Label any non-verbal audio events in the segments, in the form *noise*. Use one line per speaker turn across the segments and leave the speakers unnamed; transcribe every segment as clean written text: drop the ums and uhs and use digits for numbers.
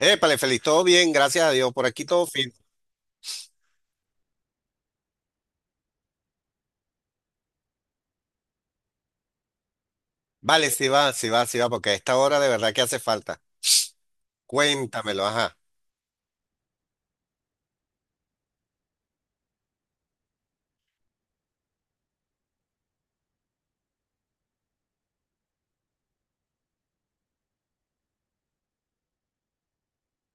Épale, feliz, todo bien, gracias a Dios, por aquí todo fino. Vale, sí va, sí va, sí va, porque a esta hora de verdad que hace falta. Cuéntamelo, ajá.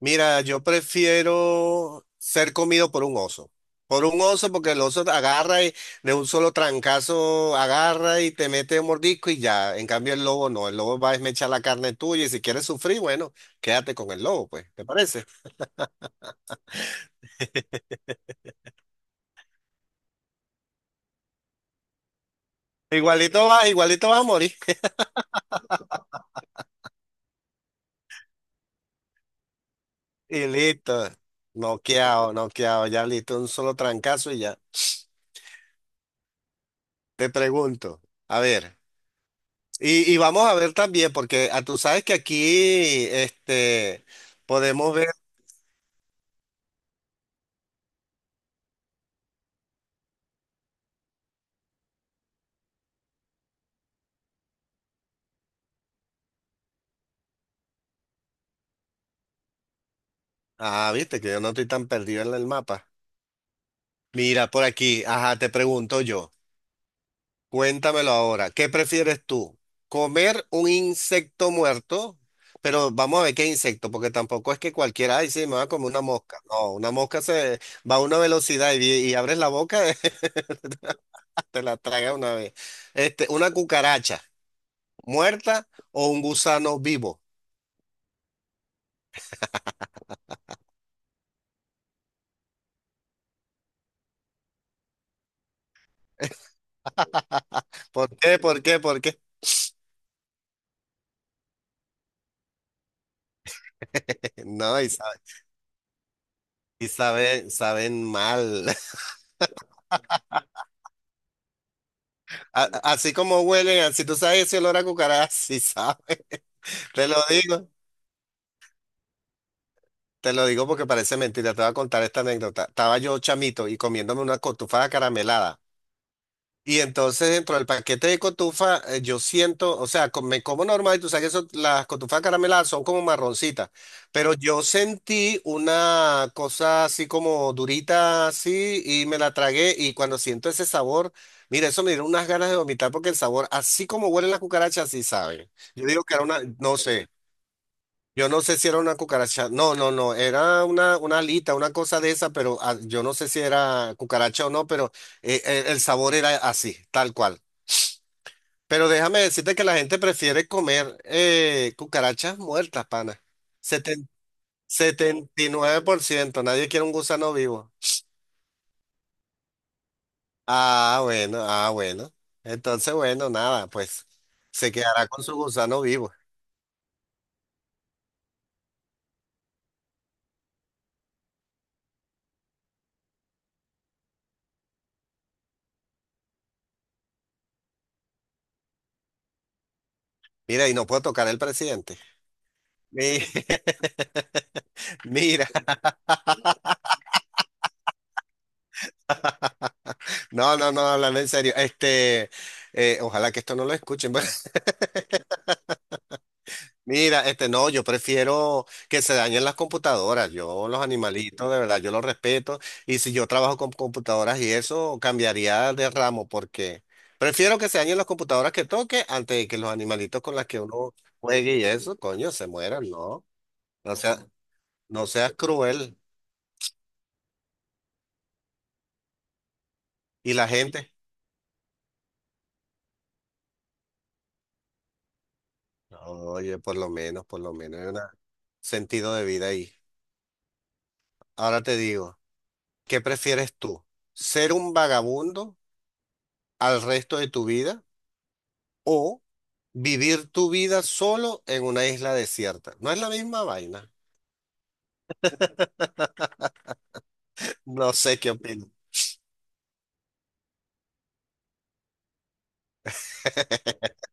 Mira, yo prefiero ser comido por un oso. Por un oso, porque el oso agarra y de un solo trancazo agarra y te mete un mordisco y ya. En cambio, el lobo no, el lobo va a esmechar la carne tuya y si quieres sufrir, bueno, quédate con el lobo, pues, ¿te parece? Igualito va, igualito vas a morir. Y listo, noqueado, noqueado, ya listo, un solo trancazo y ya. Te pregunto, a ver, y vamos a ver también, porque tú sabes que aquí podemos ver, ah, viste que yo no estoy tan perdido en el mapa. Mira, por aquí, ajá, te pregunto yo, cuéntamelo ahora, ¿qué prefieres tú? ¿Comer un insecto muerto? Pero vamos a ver qué insecto, porque tampoco es que cualquiera, ay, sí, me va a comer una mosca. No, una mosca se va a una velocidad y abres la boca, *laughs* te la traga una vez. Este, una cucaracha muerta o un gusano vivo. ¿Por qué? ¿Por qué? ¿Por qué? *laughs* No, y saben, saben mal. *laughs* A- así como huelen, si tú sabes ese olor a cucaracha, *laughs* sí sabes. Te lo digo, te lo digo porque parece mentira. Te voy a contar esta anécdota. Estaba yo chamito y comiéndome una cotufada caramelada. Y entonces dentro del paquete de cotufa, yo siento, o sea, me como normal, y tú sabes que las cotufas carameladas son como marroncitas, pero yo sentí una cosa así como durita, así, y me la tragué, y cuando siento ese sabor, mira, eso me dieron unas ganas de vomitar porque el sabor, así como huelen las cucarachas, así saben. Yo digo que era una, no sé, yo no sé si era una cucaracha, no, no, no, era una alita, una cosa de esa, pero ah, yo no sé si era cucaracha o no, pero el sabor era así, tal cual. Pero déjame decirte que la gente prefiere comer cucarachas muertas, pana. Seten- setenta y nueve por ciento nadie quiere un gusano vivo. Ah, bueno, ah, bueno. Entonces, bueno, nada, pues se quedará con su gusano vivo. Mira, y no puedo tocar el presidente. Mi- *laughs* Mira, no, no, no, hablando en serio. Ojalá que esto no lo escuchen. *laughs* Mira, este no, yo prefiero que se dañen las computadoras. Yo los animalitos, de verdad, yo los respeto. Y si yo trabajo con computadoras y eso, cambiaría de ramo porque prefiero que se dañen las computadoras que toque antes de que los animalitos con las que uno juegue y eso, coño, se mueran, ¿no? No sea, no seas cruel. Y la gente, oye, por lo menos hay un sentido de vida ahí. Ahora te digo, ¿qué prefieres tú? ¿Ser un vagabundo al resto de tu vida? O vivir tu vida solo en una isla desierta. No es la misma vaina. No sé qué opino. *laughs*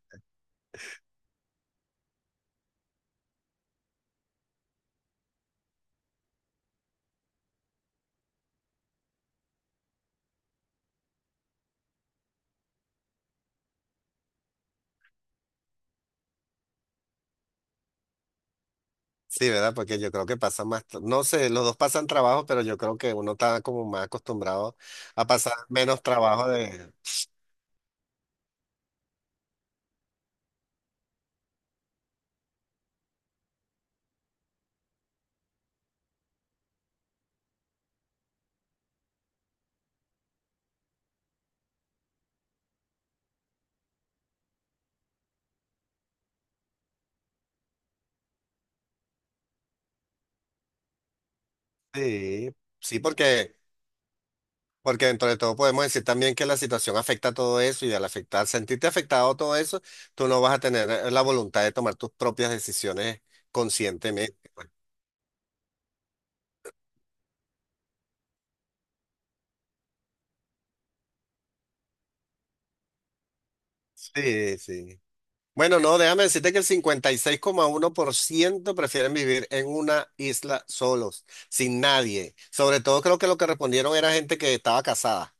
Sí, ¿verdad? Porque yo creo que pasa más, no sé, los dos pasan trabajo, pero yo creo que uno está como más acostumbrado a pasar menos trabajo de... Sí, sí, porque, porque dentro de todo podemos decir también que la situación afecta a todo eso y al afectar, sentirte afectado a todo eso, tú no vas a tener la voluntad de tomar tus propias decisiones conscientemente. Sí, sí. Bueno, no, déjame decirte que el cincuenta y seis coma uno por ciento prefieren vivir en una isla solos, sin nadie. Sobre todo creo que lo que respondieron era gente que estaba casada.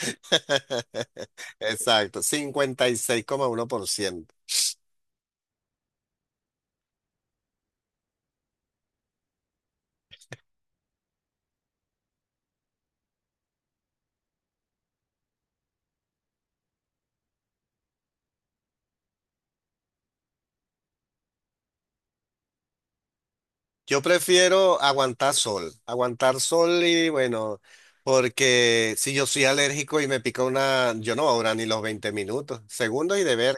*laughs* Exacto, cincuenta y seis coma uno por ciento. Yo prefiero aguantar sol y bueno, porque si yo soy alérgico y me pica una, yo no ahora ni los 20 minutos, segundos y de ver.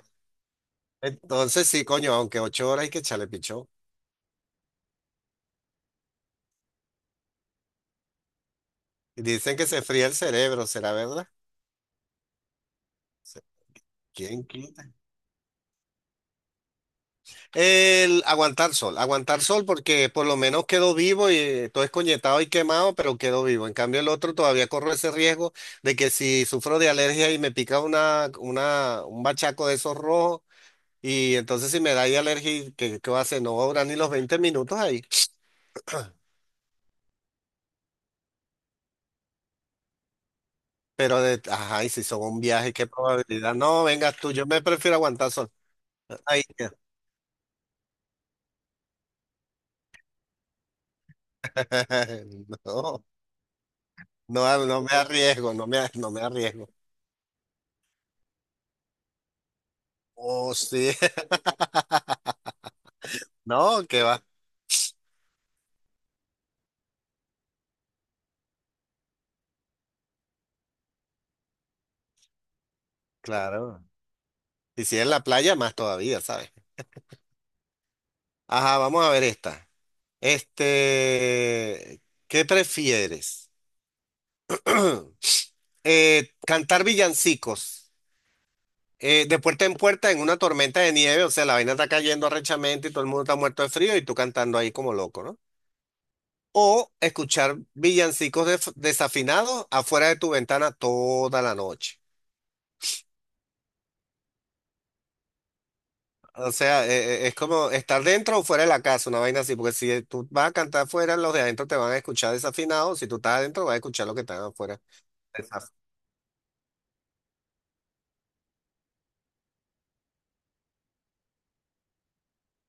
Entonces sí, coño, aunque 8 horas hay que echarle pichón. Dicen que se fría el cerebro, ¿será verdad? ¿Quién quita? El aguantar sol porque por lo menos quedó vivo y todo escoñetado y quemado, pero quedó vivo. En cambio el otro todavía corro ese riesgo de que si sufro de alergia y me pica un bachaco de esos rojos y entonces si me da ahí alergia, ¿qué, qué va a hacer? No va a durar ni los veinte minutos ahí. Pero, de, ajá, y si son un viaje, ¿qué probabilidad? No, vengas tú, yo me prefiero aguantar sol. Ay, *laughs* no, no, no me arriesgo, no me, no me arriesgo. Oh, sí. *laughs* No, que va, claro. Y si es en la playa, más todavía, ¿sabes? Ajá, vamos a ver esta. Este, ¿qué prefieres? *clears throat* Cantar villancicos de puerta en puerta en una tormenta de nieve, o sea, la vaina está cayendo arrechamente y todo el mundo está muerto de frío y tú cantando ahí como loco, ¿no? O escuchar villancicos desafinados afuera de tu ventana toda la noche. O sea, es como estar dentro o fuera de la casa, una vaina así, porque si tú vas a cantar fuera, los de adentro te van a escuchar desafinados, si tú estás adentro vas a escuchar lo que están afuera. Desaf-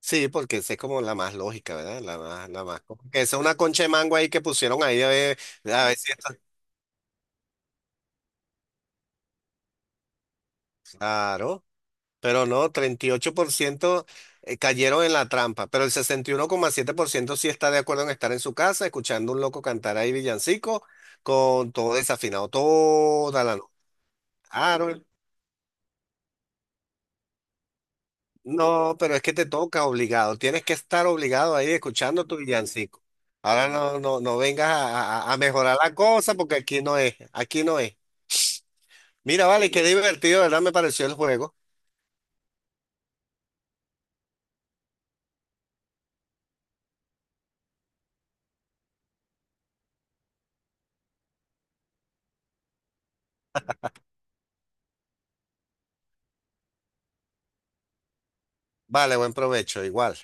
Sí, porque esa es como la más lógica, ¿verdad? La más, la más. Como que esa es una concha de mango ahí que pusieron ahí a ver, a ver si esto- Claro, pero no, 38% cayeron en la trampa, pero el sesenta y uno coma siete por ciento sí está de acuerdo en estar en su casa, escuchando un loco cantar ahí villancico, con todo desafinado, toda la noche. Claro. No, pero es que te toca obligado. Tienes que estar obligado ahí escuchando tu villancico. Ahora no, no, no vengas a, a mejorar la cosa porque aquí no es, aquí no es. Mira, vale, qué divertido, ¿verdad? Me pareció el juego. Vale, buen provecho, igual.